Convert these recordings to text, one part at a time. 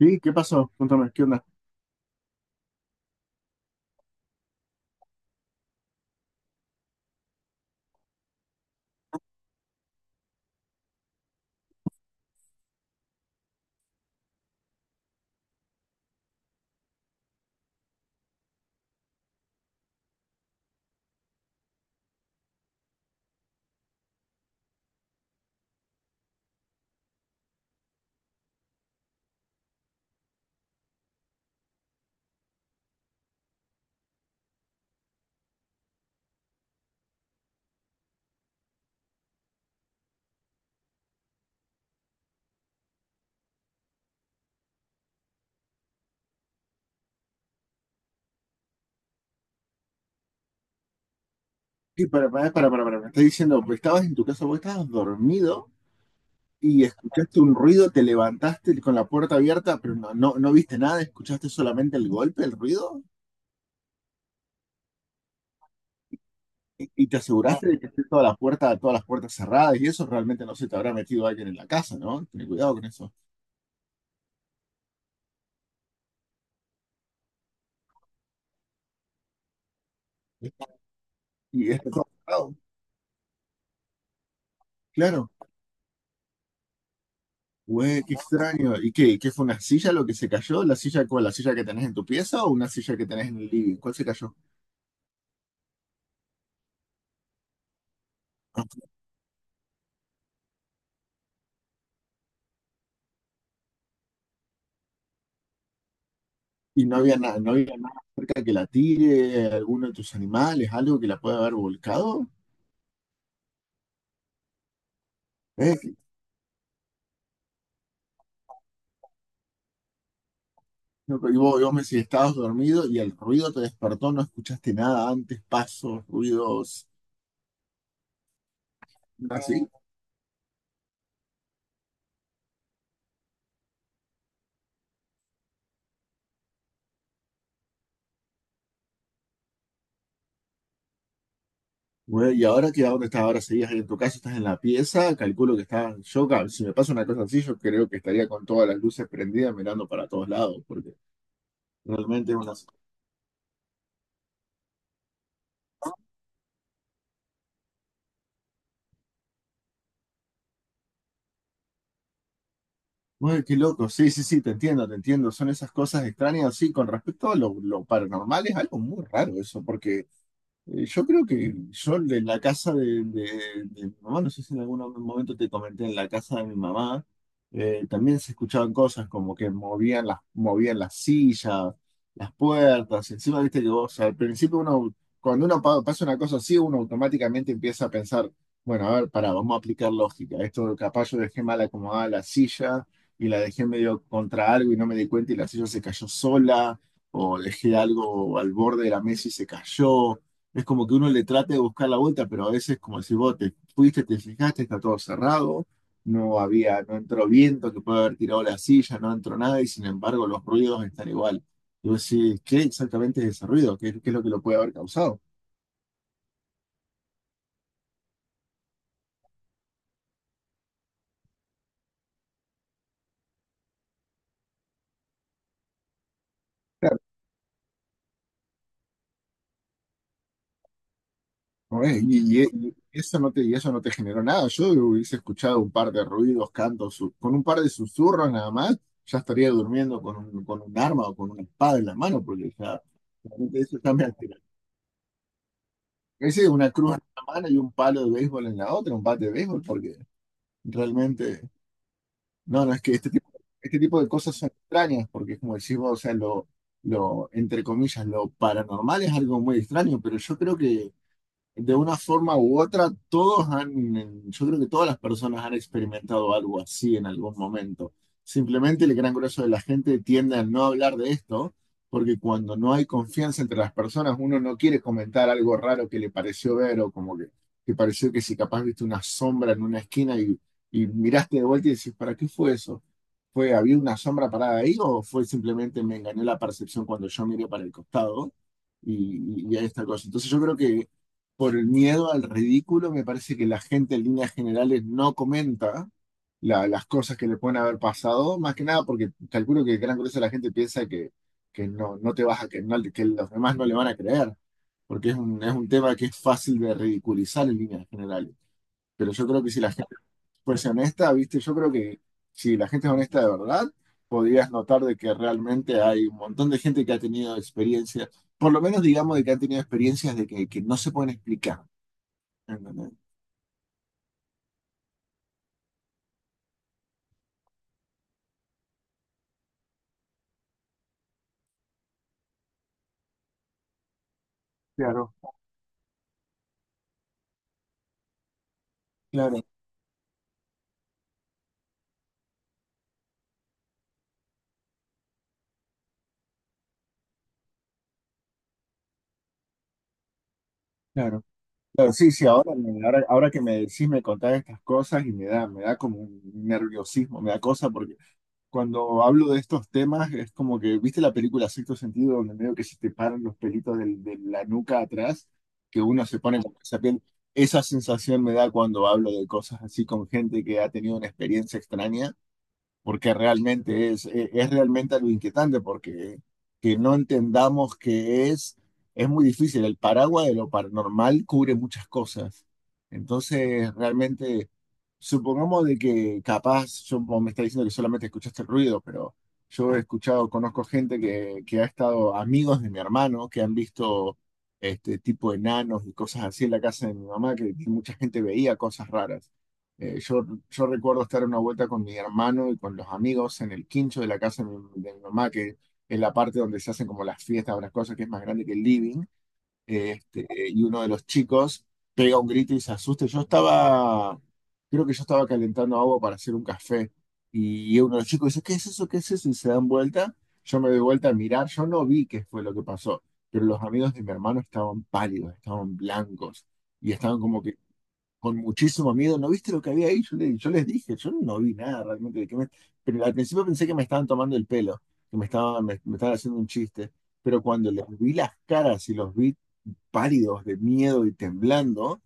Sí, ¿qué pasó? Cuéntame, ¿qué onda? Sí, para, me estás diciendo, pues, estabas en tu casa, vos estabas dormido y escuchaste un ruido, te levantaste con la puerta abierta, pero no, no, no viste nada, escuchaste solamente el golpe, el ruido, y te aseguraste de que esté toda la puerta, todas las puertas cerradas, y eso realmente no se te habrá metido alguien en la casa, ¿no? Ten cuidado con eso. Y está todo cerrado, claro. Güey, qué extraño. ¿Y qué fue una silla lo que se cayó? ¿La silla cuál? ¿La silla que tenés en tu pieza o una silla que tenés en el living? ¿Cuál se cayó? Y no había nada, no había nada cerca que la tire, alguno de tus animales, algo que la pueda haber volcado. ¿Eh? No, pero y vos me decís, estabas dormido y el ruido te despertó, no escuchaste nada antes, pasos, ruidos, nada así. Bueno, y ahora qué que dónde estás, ahora seguías ahí en tu casa, estás en la pieza, calculo que estás, yo, si me pasa una cosa así, yo creo que estaría con todas las luces prendidas mirando para todos lados, porque realmente es una. Uy, qué loco, sí, sí, sí, te entiendo, te entiendo. Son esas cosas extrañas, sí, con respecto a lo paranormal es algo muy raro eso, porque yo creo que yo en la casa de mi mamá, no sé si en algún momento te comenté, en la casa de mi mamá también se escuchaban cosas como que movían las sillas, las puertas, encima viste que vos, al principio uno, cuando uno pasa una cosa así, uno automáticamente empieza a pensar, bueno, a ver, pará, vamos a aplicar lógica, esto capaz yo dejé mal acomodada la silla y la dejé medio contra algo y no me di cuenta y la silla se cayó sola, o dejé algo al borde de la mesa y se cayó. Es como que uno le trate de buscar la vuelta, pero a veces, como si vos te fuiste, te fijaste, está todo cerrado, no había, no entró viento que puede haber tirado la silla, no entró nada, y sin embargo los ruidos están igual. Y vos decís, ¿qué exactamente es ese ruido? ¿Qué es lo que lo puede haber causado? Claro, no es, y eso no te generó nada. Yo hubiese escuchado un par de ruidos, cantos, con un par de susurros nada más, ya estaría durmiendo con un arma o con una espada en la mano, porque ya realmente eso ya me altera. Ese es una cruz en una mano y un palo de béisbol en la otra, un bate de béisbol, porque realmente, no, no, es que este tipo, de cosas son extrañas, porque es como decís vos, o sea, lo, entre comillas, lo paranormal es algo muy extraño, pero yo creo que de una forma u otra, todos han, yo creo que todas las personas han experimentado algo así en algún momento. Simplemente el gran grueso de la gente tiende a no hablar de esto, porque cuando no hay confianza entre las personas, uno no quiere comentar algo raro que le pareció ver o como que pareció que si capaz viste una sombra en una esquina y miraste de vuelta y decís, ¿para qué fue eso? ¿Fue, había una sombra parada ahí o fue simplemente me engañó la percepción cuando yo miré para el costado? y, y a esta cosa. Entonces yo creo que por el miedo al ridículo, me parece que la gente en líneas generales no comenta las cosas que le pueden haber pasado, más que nada porque calculo que el gran grueso de la gente piensa que no, no te vas a que, que los demás no le van a creer, porque es un, tema que es fácil de ridiculizar en líneas generales. Pero yo creo que si la gente fuese honesta, viste, yo creo que si la gente es honesta de verdad, podrías notar de que realmente hay un montón de gente que ha tenido experiencias, por lo menos digamos de que han tenido experiencias de que no se pueden explicar. ¿Entendés? Claro, claro, claro, claro. Sí, sí, ahora que me decís, me contás estas cosas y me da como un nerviosismo, me da cosa, porque cuando hablo de estos temas es como que, ¿viste la película Sexto Sentido, donde medio que se te paran los pelitos de la nuca atrás, que uno se pone como esa piel? Esa sensación me da cuando hablo de cosas así con gente que ha tenido una experiencia extraña. Porque realmente es realmente algo inquietante, porque que no entendamos que es muy difícil. El paraguas de lo paranormal cubre muchas cosas. Entonces, realmente, supongamos de que capaz, yo vos me está diciendo que solamente escuchaste el ruido, pero yo he escuchado, conozco gente que ha estado amigos de mi hermano, que han visto este tipo de enanos y cosas así en la casa de mi mamá, que mucha gente veía cosas raras. Eh, yo, yo recuerdo estar una vuelta con mi hermano y con los amigos en el quincho de la casa de mi mamá, que es la parte donde se hacen como las fiestas o las cosas que es más grande que el living. Y uno de los chicos pega un grito y se asusta. Yo estaba, creo que yo estaba calentando agua para hacer un café. Y uno de los chicos dice, ¿qué es eso? ¿Qué es eso? Y se dan vuelta. Yo me doy vuelta a mirar. Yo no vi qué fue lo que pasó, pero los amigos de mi hermano estaban pálidos, estaban blancos y estaban como que con muchísimo miedo. ¿No viste lo que había ahí? Yo les dije, yo no vi nada realmente. Pero al principio pensé que me estaban tomando el pelo, que me estaban haciendo un chiste. Pero cuando les vi las caras y los vi pálidos de miedo y temblando,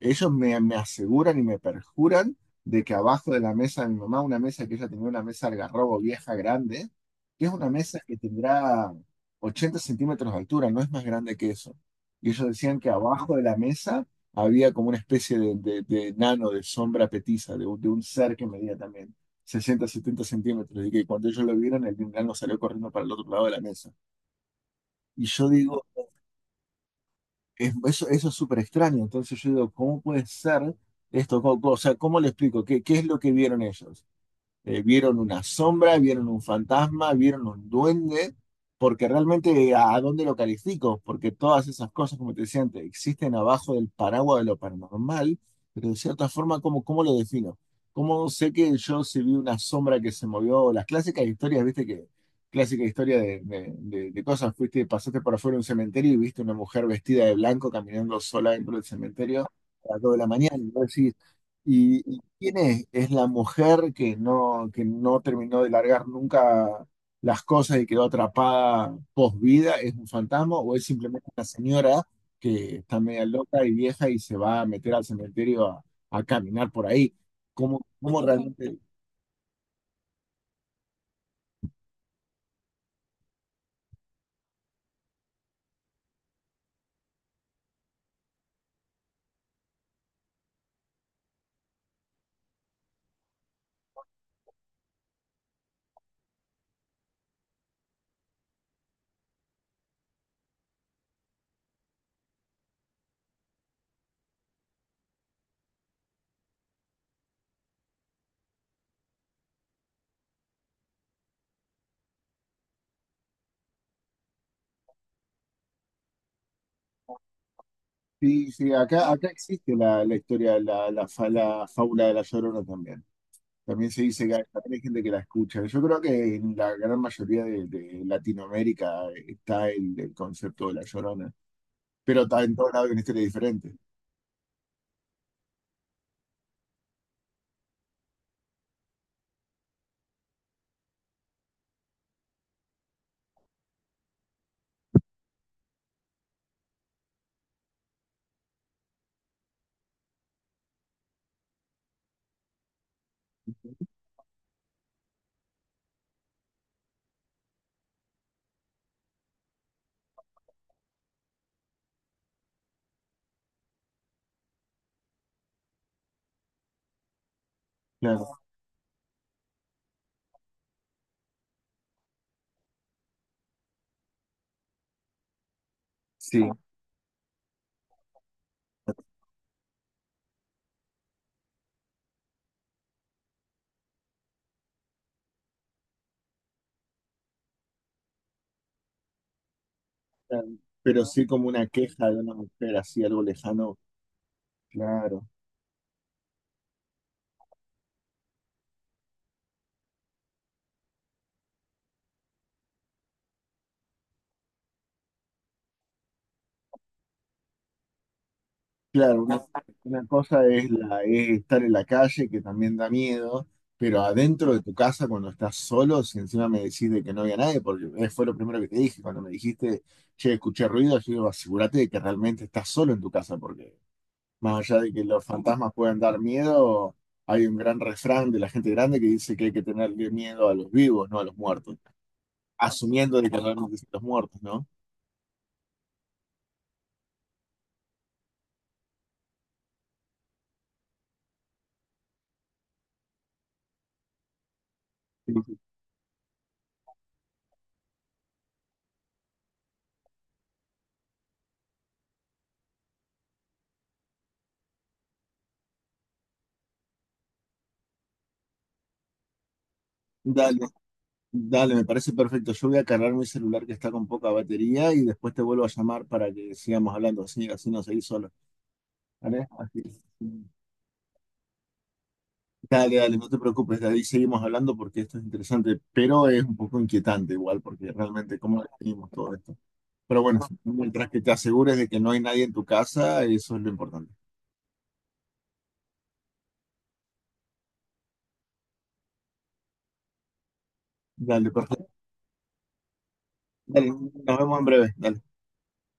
ellos me aseguran y me perjuran de que abajo de la mesa de mi mamá, una mesa que ella tenía, una mesa algarrobo vieja grande, que es una mesa que tendrá 80 centímetros de altura, no es más grande que eso. Y ellos decían que abajo de la mesa había como una especie de nano, de sombra petiza, de un ser que medía también 60, 70 centímetros. Y que cuando ellos lo vieron, el nano salió corriendo para el otro lado de la mesa. Y yo digo, eso es súper extraño. Entonces yo digo, ¿cómo puede ser esto? O sea, ¿cómo le explico? ¿Qué es lo que vieron ellos? Vieron una sombra, vieron un fantasma, vieron un duende, porque realmente a dónde lo califico, porque todas esas cosas, como te decía antes, existen abajo del paraguas de lo paranormal, pero de cierta forma, ¿cómo lo defino? ¿Cómo sé que yo si vi una sombra que se movió? Las clásicas historias, viste que clásica historia de cosas, fuiste, pasaste por afuera de un cementerio y viste una mujer vestida de blanco caminando sola dentro del cementerio a las 2 de la mañana, y vos decís, ¿quién es? Es la mujer que no terminó de largar nunca las cosas y quedó atrapada post vida, ¿es un fantasma o es simplemente una señora que está media loca y vieja y se va a meter al cementerio a caminar por ahí? ¿Cómo realmente? Sí, sí, acá, acá existe la historia, la fábula de la Llorona también. También se dice que hay, también hay gente que la escucha. Yo creo que en la gran mayoría de Latinoamérica está el concepto de la Llorona. Pero está en todos lados hay una historia diferente. Claro, sí. Claro. Pero sí como una queja de una mujer así, algo lejano, claro. Claro, una cosa es, es estar en la calle, que también da miedo, pero adentro de tu casa cuando estás solo, si encima me decís de que no había nadie, porque fue lo primero que te dije, cuando me dijiste, che, escuché ruido, yo digo, asegúrate de que realmente estás solo en tu casa, porque más allá de que los fantasmas puedan dar miedo, hay un gran refrán de la gente grande que dice que hay que tenerle miedo a los vivos, no a los muertos, asumiendo de que realmente son los muertos, ¿no? Sí, sí. Dale, dale, me parece perfecto. Yo voy a cargar mi celular que está con poca batería y después te vuelvo a llamar para que sigamos hablando, así, así no seguís solo, ¿vale? Así. Dale, dale, no te preocupes, de ahí seguimos hablando porque esto es interesante, pero es un poco inquietante igual, porque realmente cómo definimos todo esto. Pero bueno, mientras que te asegures de que no hay nadie en tu casa, eso es lo importante. Dale, perfecto. Dale, nos vemos en breve. Dale.